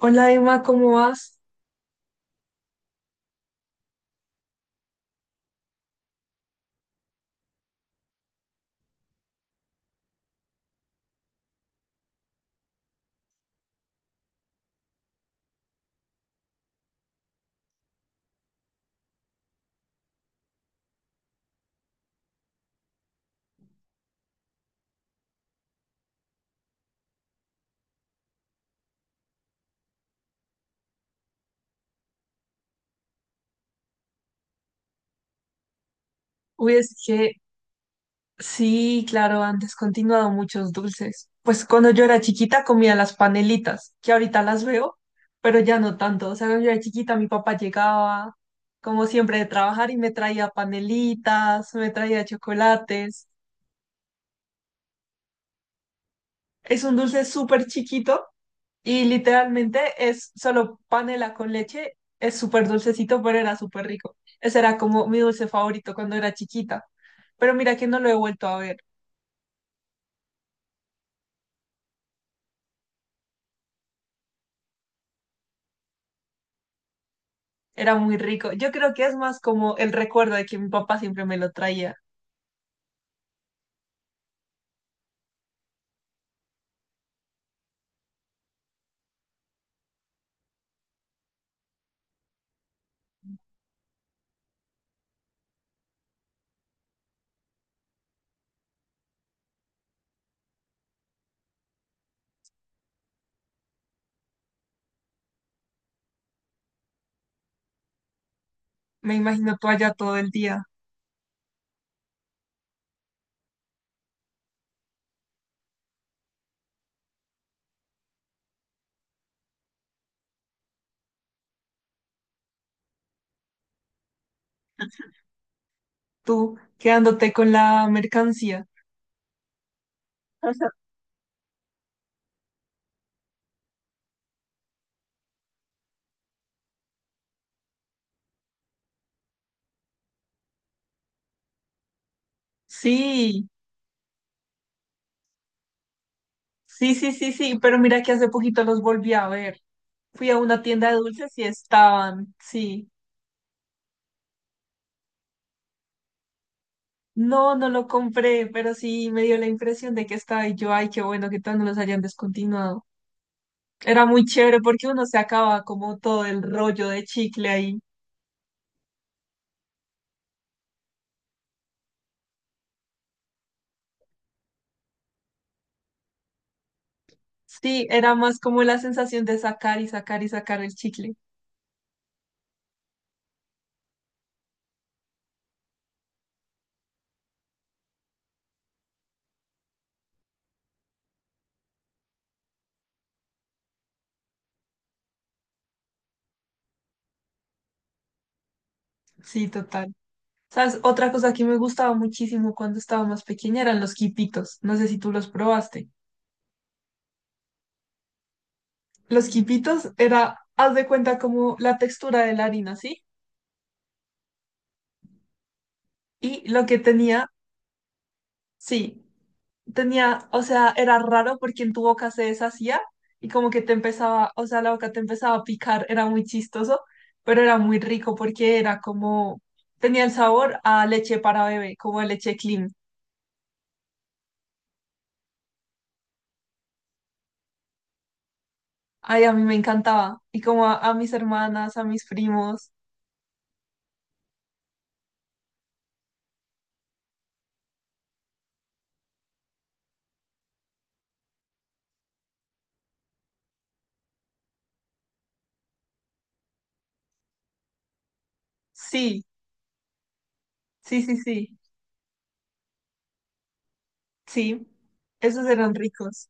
Hola Emma, ¿cómo vas? Uy, es que sí, claro, han descontinuado muchos dulces. Pues cuando yo era chiquita comía las panelitas, que ahorita las veo, pero ya no tanto. O sea, cuando yo era chiquita mi papá llegaba, como siempre, de trabajar y me traía panelitas, me traía chocolates. Es un dulce súper chiquito y literalmente es solo panela con leche. Es súper dulcecito, pero era súper rico. Ese era como mi dulce favorito cuando era chiquita. Pero mira que no lo he vuelto a ver. Era muy rico. Yo creo que es más como el recuerdo de que mi papá siempre me lo traía. Me imagino tú allá todo el día, tú quedándote con la mercancía. Sí, sí, sí, sí, sí, pero mira que hace poquito los volví a ver. Fui a una tienda de dulces y estaban, sí. No, no lo compré, pero sí me dio la impresión de que estaba y yo, ay, qué bueno que todos no los hayan descontinuado. Era muy chévere porque uno se acaba como todo el rollo de chicle ahí. Sí, era más como la sensación de sacar y sacar y sacar el chicle. Sí, total. ¿Sabes? Otra cosa que me gustaba muchísimo cuando estaba más pequeña eran los quipitos. No sé si tú los probaste. Los quipitos era, haz de cuenta como la textura de la harina, ¿sí? Y lo que tenía, sí, tenía, o sea, era raro porque en tu boca se deshacía y como que te empezaba, o sea, la boca te empezaba a picar, era muy chistoso, pero era muy rico porque era como, tenía el sabor a leche para bebé, como a leche clean. Ay, a mí me encantaba. Y como a mis hermanas, a mis primos. Sí, sí, sí, sí, sí. Esos eran ricos.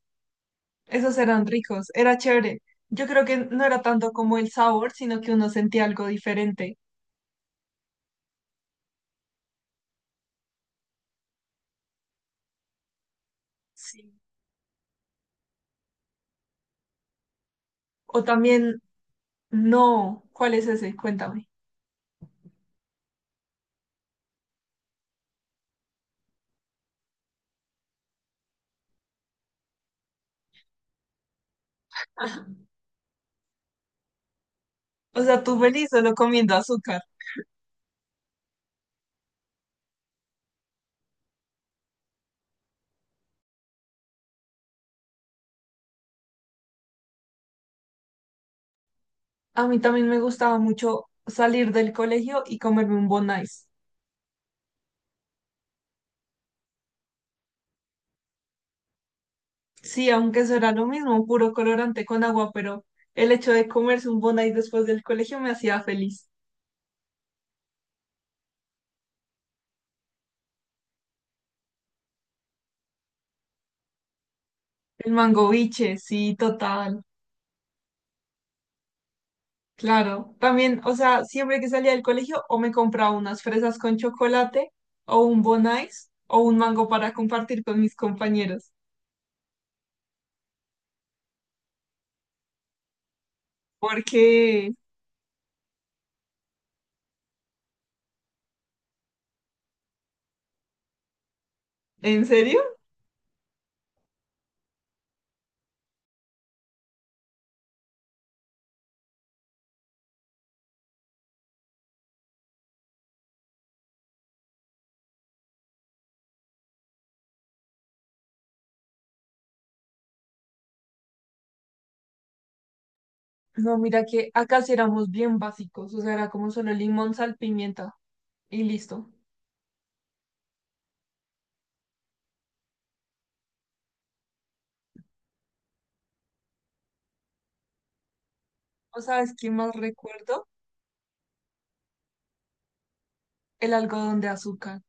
Esos eran ricos. Era chévere. Yo creo que no era tanto como el sabor, sino que uno sentía algo diferente. Sí. O también, no, ¿cuál es ese? Cuéntame. O sea, tú feliz solo comiendo azúcar. A mí también me gustaba mucho salir del colegio y comerme un Bon Ice. Sí, aunque eso era lo mismo, puro colorante con agua, pero el hecho de comerse un Bon Ice después del colegio me hacía feliz. El mango biche, sí, total. Claro. También, o sea, siempre que salía del colegio o me compraba unas fresas con chocolate o un Bon Ice o un mango para compartir con mis compañeros. Porque ¿en serio? No, mira que acá sí éramos bien básicos, o sea, era como solo limón, sal, pimienta y listo. ¿O sabes qué más recuerdo? El algodón de azúcar.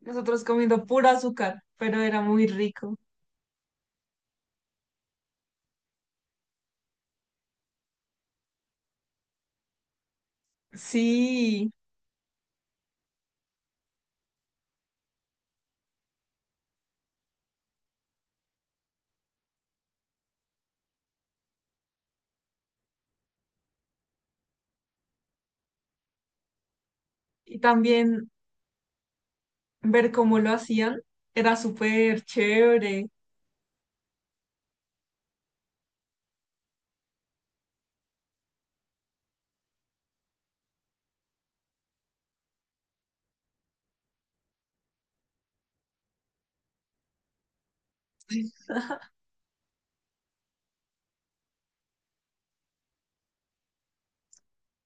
Nosotros comiendo pura azúcar, pero era muy rico. Sí, y también ver cómo lo hacían era súper chévere.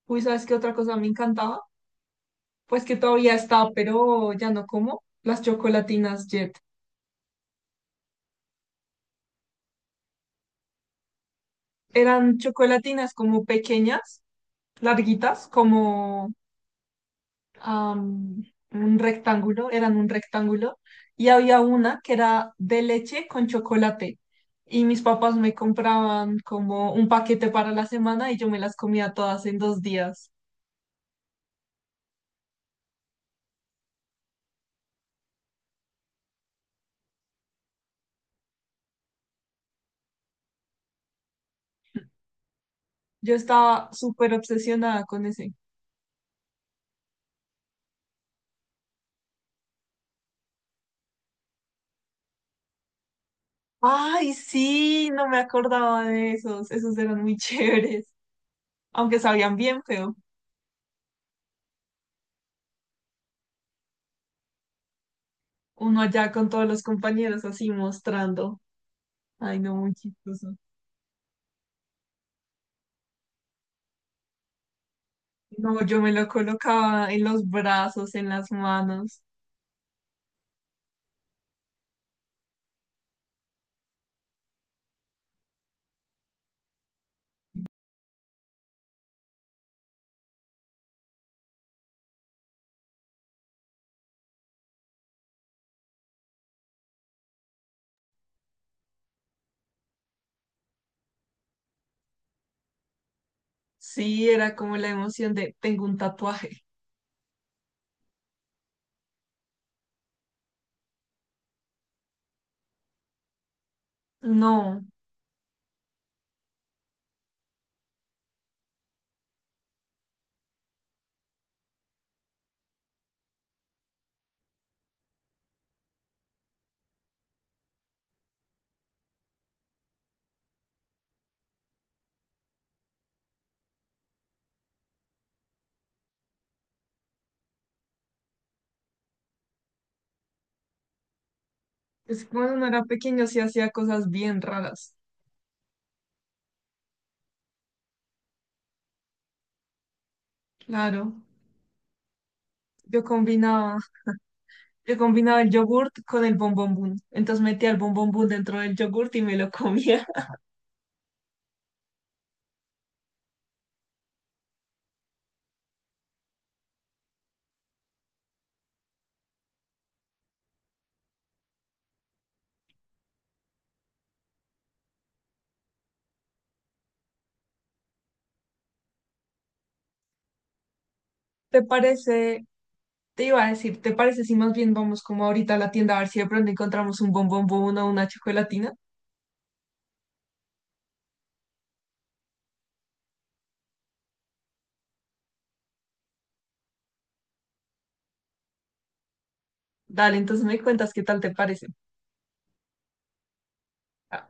Uy, ¿sabes qué otra cosa me encantaba? Pues que todavía está, pero ya no como. Las chocolatinas Jet. Eran chocolatinas como pequeñas, larguitas, como am, un rectángulo, eran un rectángulo, y había una que era de leche con chocolate. Y mis papás me compraban como un paquete para la semana y yo me las comía todas en 2 días. Yo estaba súper obsesionada con ese. Ay, sí, no me acordaba de esos. Esos eran muy chéveres, aunque sabían bien feo. Uno allá con todos los compañeros así mostrando. Ay, no, muy chistoso. No, yo me lo colocaba en los brazos, en las manos. Sí, era como la emoción de tengo un tatuaje. No, es que cuando uno era pequeño sí hacía cosas bien raras. Claro, yo combinaba, yo combinaba el yogurt con el bombombón. Entonces metía el bombombón dentro del yogurt y me lo comía. ¿Te parece? Te iba a decir, ¿te parece si más bien vamos como ahorita a la tienda a ver si de pronto encontramos un bombombón o una chocolatina? Dale, entonces me cuentas qué tal te parece. Ah.